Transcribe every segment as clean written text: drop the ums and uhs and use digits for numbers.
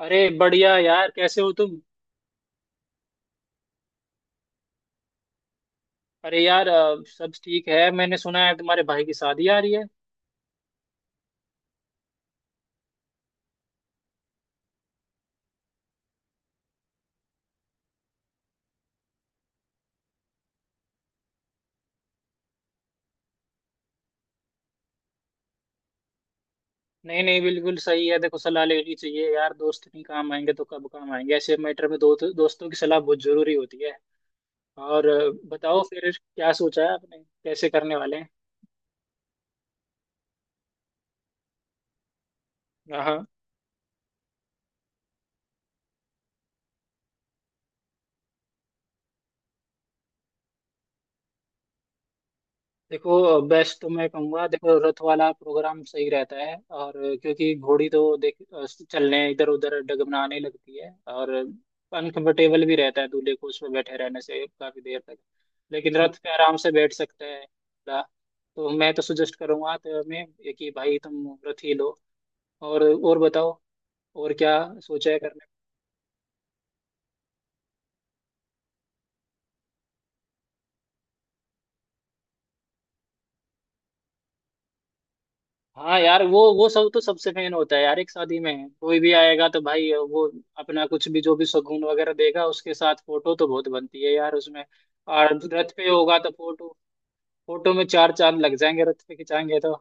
अरे बढ़िया यार। कैसे हो तुम। अरे यार, सब ठीक है। मैंने सुना है तुम्हारे भाई की शादी आ रही है। नहीं नहीं, बिल्कुल सही है। देखो, सलाह लेनी चाहिए यार। दोस्त नहीं काम आएंगे तो कब काम आएंगे। ऐसे मैटर में दोस्तों की सलाह बहुत जरूरी होती है। और बताओ फिर क्या सोचा है आपने। कैसे करने वाले हैं। हाँ। देखो, बेस्ट तो मैं कहूँगा, देखो, रथ वाला प्रोग्राम सही रहता है। और क्योंकि घोड़ी तो देख चलने इधर उधर डगमगाने लगती है। और अनकंफर्टेबल भी रहता है दूल्हे को उसमें बैठे रहने से काफी देर तक। लेकिन रथ पे आराम से बैठ सकते हैं। ला- तो मैं तो सजेस्ट करूंगा तो मैं कि भाई तुम रथ ही लो। और बताओ, और क्या सोचा है करने। हाँ यार, वो सब तो सबसे मेन होता है यार। एक शादी में कोई भी आएगा तो भाई, वो अपना कुछ भी जो भी शगुन वगैरह देगा, उसके साथ फोटो तो बहुत बनती है यार उसमें। और रथ पे होगा तो फोटो फोटो में चार चांद लग जाएंगे, रथ पे खिंचाएंगे तो।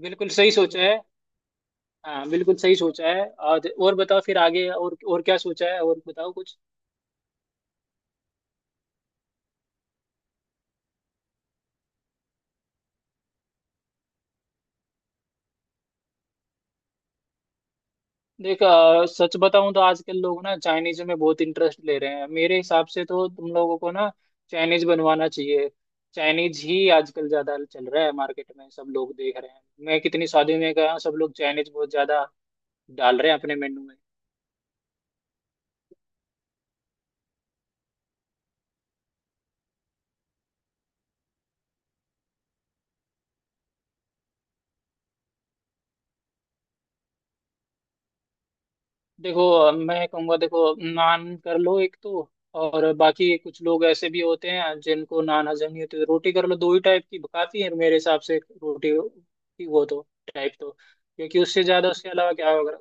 बिल्कुल सही सोचा है। हाँ बिल्कुल सही सोचा है। और बताओ फिर आगे, और क्या सोचा है, और बताओ कुछ। देख, सच बताऊं तो आजकल लोग ना चाइनीज में बहुत इंटरेस्ट ले रहे हैं। मेरे हिसाब से तो तुम लोगों को ना चाइनीज बनवाना चाहिए। चाइनीज ही आजकल ज्यादा चल रहा है मार्केट में। सब लोग देख रहे हैं, मैं कितनी शादियों में गया हूं, सब लोग चाइनीज बहुत ज्यादा डाल रहे हैं अपने मेन्यू में। देखो, मैं कहूंगा, देखो, नान कर लो एक तो। और बाकी कुछ लोग ऐसे भी होते हैं जिनको नान हजम नहीं होती, तो रोटी कर लो। दो ही टाइप की काफी है मेरे हिसाब से। रोटी की वो तो टाइप तो। क्योंकि उससे ज्यादा उसके अलावा क्या होगा।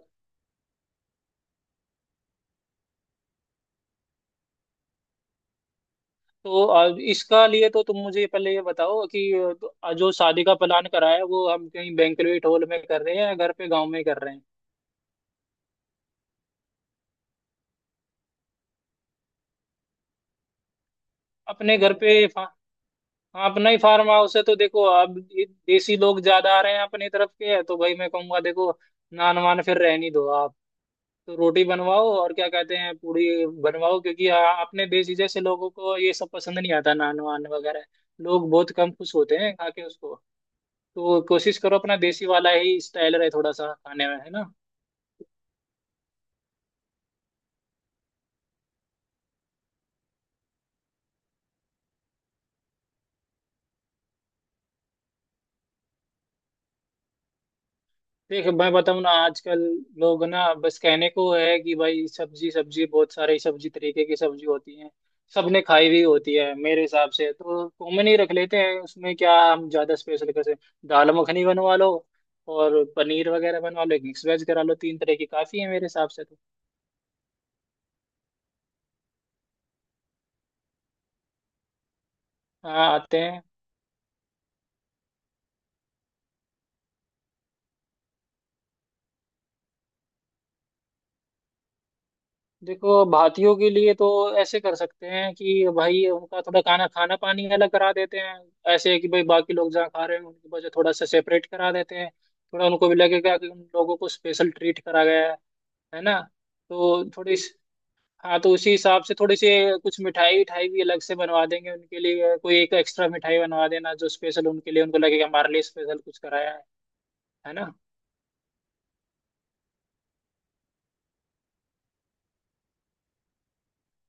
तो इसका लिए तो तुम मुझे पहले ये बताओ कि जो शादी का प्लान करा है वो हम कहीं बैंक्वेट हॉल में कर रहे हैं या घर पे गांव में कर रहे हैं। अपने घर पे फा, हाँ, अपना ही फार्म हाउस है तो। देखो, अब ये देसी लोग ज्यादा आ रहे हैं अपनी तरफ के, है तो भाई मैं कहूंगा, देखो, नान वान फिर रहने दो आप। तो रोटी बनवाओ और क्या कहते हैं पूड़ी बनवाओ, क्योंकि अपने देसी जैसे लोगों को ये सब पसंद नहीं आता नान वान वगैरह। लोग बहुत कम खुश होते हैं खा के उसको। तो कोशिश करो अपना देसी वाला ही स्टाइल रहे थोड़ा सा खाने में, है ना। देख, मैं बताऊँ ना, आजकल लोग ना बस कहने को है कि भाई सब्जी सब्जी, बहुत सारी सब्जी, तरीके की सब्जी होती है। सबने खाई हुई होती है मेरे हिसाब से, तो कॉमन ही रख लेते हैं उसमें, क्या हम ज्यादा स्पेशल कैसे। दाल मखनी बनवा लो, और पनीर वगैरह बनवा लो, एक मिक्स वेज करा लो, तीन तरह की काफी है मेरे हिसाब से तो। हाँ आते हैं। देखो, भारतीयों के लिए तो ऐसे कर सकते हैं कि भाई उनका थोड़ा खाना खाना पानी अलग करा देते हैं। ऐसे कि भाई बाकी लोग जहाँ खा रहे हैं, उनकी वजह थोड़ा सा सेपरेट करा देते हैं। थोड़ा उनको भी लगेगा कि उन लोगों को स्पेशल ट्रीट करा गया है ना। तो थोड़ी सी- हाँ, तो उसी हिसाब से थोड़ी सी कुछ मिठाई उठाई भी अलग से बनवा देंगे उनके लिए। कोई एक एक्स्ट्रा मिठाई बनवा देना जो स्पेशल उनके लिए, उनको लगेगा हमारे लिए स्पेशल कुछ कराया है ना।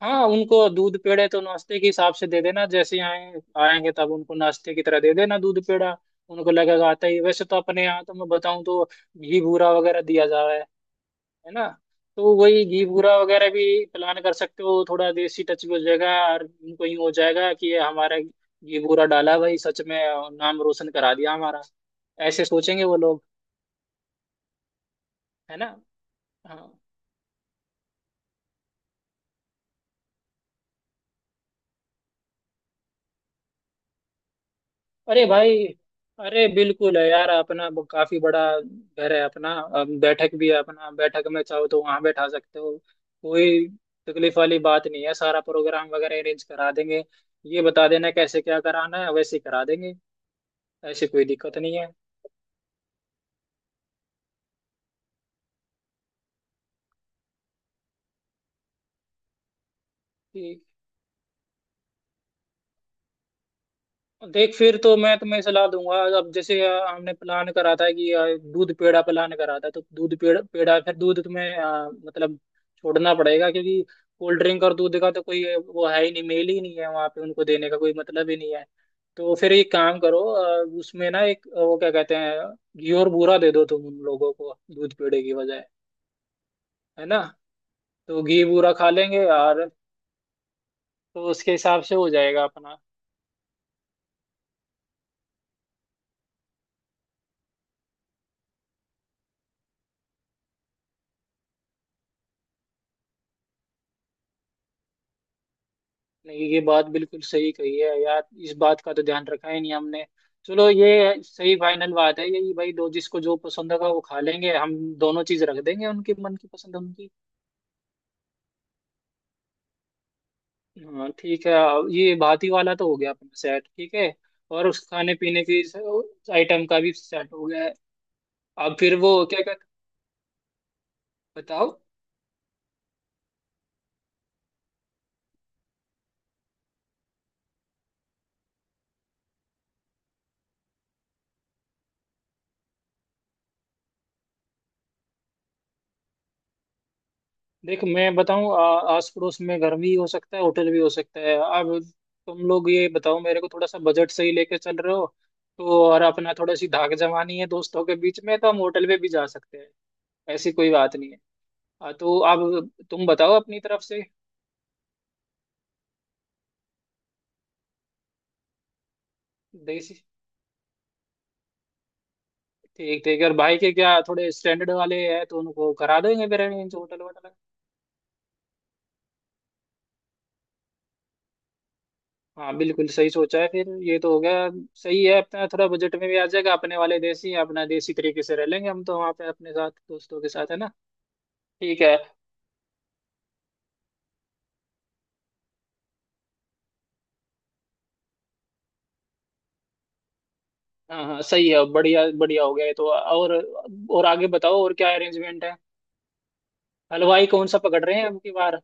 हाँ, उनको दूध पेड़े तो नाश्ते के हिसाब से दे देना। जैसे आए आएंगे तब उनको नाश्ते की तरह दे देना दूध पेड़ा। उनको लगेगा आता ही वैसे तो अपने यहाँ तो। मैं बताऊँ तो घी बूरा वगैरह दिया जा रहा है ना। तो वही घी बूरा वगैरह भी प्लान कर सकते हो। थोड़ा देसी टच भी हो जाएगा और उनको यूँ हो जाएगा कि ये हमारा घी बूरा डाला भाई, सच में नाम रोशन करा दिया हमारा। ऐसे सोचेंगे वो लोग, है ना। हाँ, अरे भाई, अरे बिल्कुल है यार, अपना काफी बड़ा घर है अपना। अब बैठक भी है अपना, बैठक में चाहो तो वहां बैठा सकते हो। कोई तकलीफ वाली बात नहीं है, सारा प्रोग्राम वगैरह अरेंज करा देंगे। ये बता देना कैसे क्या कराना है, वैसे ही करा देंगे। ऐसी कोई दिक्कत नहीं है। देख, फिर तो मैं तुम्हें सलाह दूंगा। अब जैसे हमने प्लान करा था कि दूध पेड़ा प्लान करा था, तो दूध पेड़ा पेड़ा फिर दूध तुम्हें मतलब छोड़ना पड़ेगा, क्योंकि कोल्ड ड्रिंक और दूध का तो कोई वो है ही नहीं, मेल ही नहीं है। वहाँ पे उनको देने का कोई मतलब ही नहीं है। तो फिर एक काम करो, उसमें ना एक वो क्या कहते हैं, घी और बूरा दे दो तुम उन लोगों को दूध पेड़े की बजाय, है ना। तो घी बूरा खा लेंगे और तो उसके हिसाब से हो जाएगा अपना। नहीं, ये बात बिल्कुल सही कही है यार, इस बात का तो ध्यान रखा ही नहीं हमने। चलो, ये सही फाइनल बात है यही भाई, दो जिसको जो पसंद होगा वो खा लेंगे। हम दोनों चीज रख देंगे उनके मन की पसंद उनकी। हाँ ठीक है, ये भाती वाला तो हो गया अपना सेट ठीक है। और उस खाने पीने की आइटम का भी सेट हो गया है। अब फिर वो क्या कहते। बताओ। देख, मैं बताऊं, आस पड़ोस में घर भी हो सकता है, होटल भी हो सकता है। अब तुम लोग ये बताओ मेरे को, थोड़ा सा बजट सही लेके चल रहे हो तो, और अपना थोड़ा सी धाक जमानी है दोस्तों के बीच में, तो हम होटल पे भी जा सकते हैं। ऐसी कोई बात नहीं है। तो अब तुम बताओ अपनी तरफ से। देसी ठीक ठीक। और भाई के क्या थोड़े स्टैंडर्ड वाले हैं तो उनको करा देंगे फिर arrange होटल वोटल। हाँ बिल्कुल सही सोचा है, फिर ये तो हो गया। सही है, अपना थोड़ा बजट में भी आ जाएगा, अपने वाले देसी अपना देसी तरीके से रह लेंगे हम तो वहाँ पे अपने साथ दोस्तों के साथ, है ना। ठीक है। हाँ हाँ सही है, बढ़िया बढ़िया हो गया ये तो। और आगे बताओ और क्या अरेंजमेंट है। हलवाई कौन सा पकड़ रहे हैं अब की बार।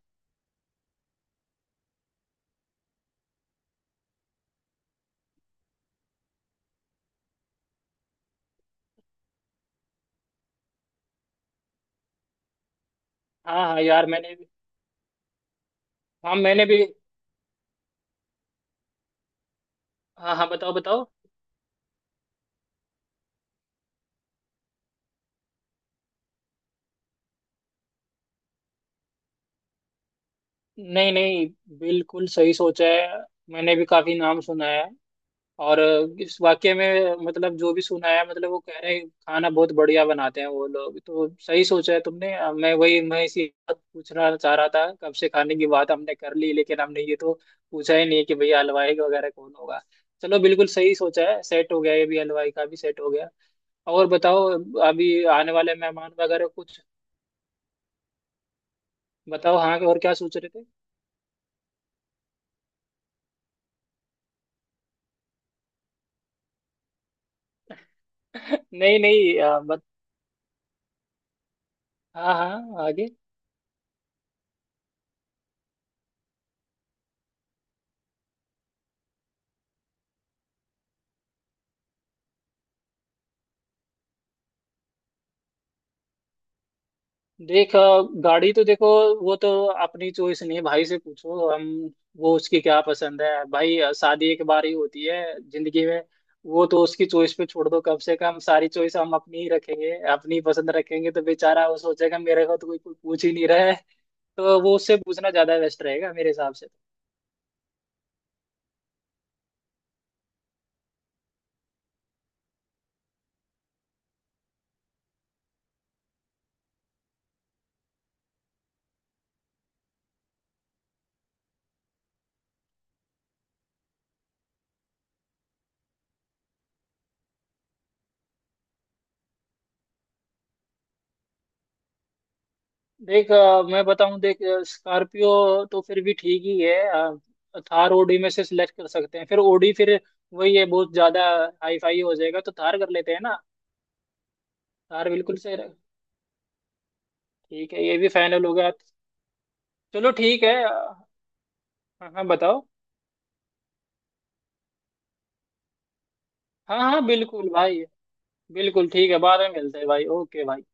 हाँ हाँ यार, मैंने भी। हाँ मैंने भी। हाँ हाँ बताओ बताओ। नहीं नहीं बिल्कुल सही सोचा है, मैंने भी काफी नाम सुना है। और इस वाक्य में मतलब जो भी सुनाया, मतलब वो कह रहे हैं खाना बहुत बढ़िया बनाते हैं वो लोग, तो सही सोचा है तुमने। मैं इसी बात पूछना चाह रहा था, कब से खाने की बात हमने कर ली लेकिन हमने ये तो पूछा ही नहीं कि भैया हलवाई वगैरह कौन होगा। चलो बिल्कुल सही सोचा है, सेट हो गया ये भी, हलवाई का भी सेट हो गया। और बताओ, अभी आने वाले मेहमान वगैरह कुछ। बताओ हाँ, और क्या सोच रहे थे। नहीं नहीं, हाँ हाँ, आगे। देख, गाड़ी तो देखो, वो तो अपनी चॉइस नहीं है, भाई से पूछो, हम वो उसकी क्या पसंद है। भाई, शादी एक बार ही होती है जिंदगी में, वो तो उसकी चॉइस पे छोड़ दो। कम से कम सारी चॉइस हम अपनी ही रखेंगे, अपनी पसंद रखेंगे तो बेचारा वो सोचेगा मेरे को तो कोई कोई पूछ ही नहीं रहा है। तो वो उससे पूछना ज्यादा बेस्ट रहेगा मेरे हिसाब से। देख, मैं बताऊं देख, स्कॉर्पियो तो फिर भी ठीक ही है। थार ओडी में से सिलेक्ट कर सकते हैं। फिर ओडी फिर वही है, बहुत ज्यादा हाई फाई हो जाएगा, तो थार कर लेते हैं ना। यार बिल्कुल सही रहा। ठीक है ये भी फाइनल हो गया। चलो ठीक है हाँ। हाँ बताओ। हाँ हाँ बिल्कुल भाई, बिल्कुल ठीक है, बाद में मिलते हैं भाई, ओके भाई।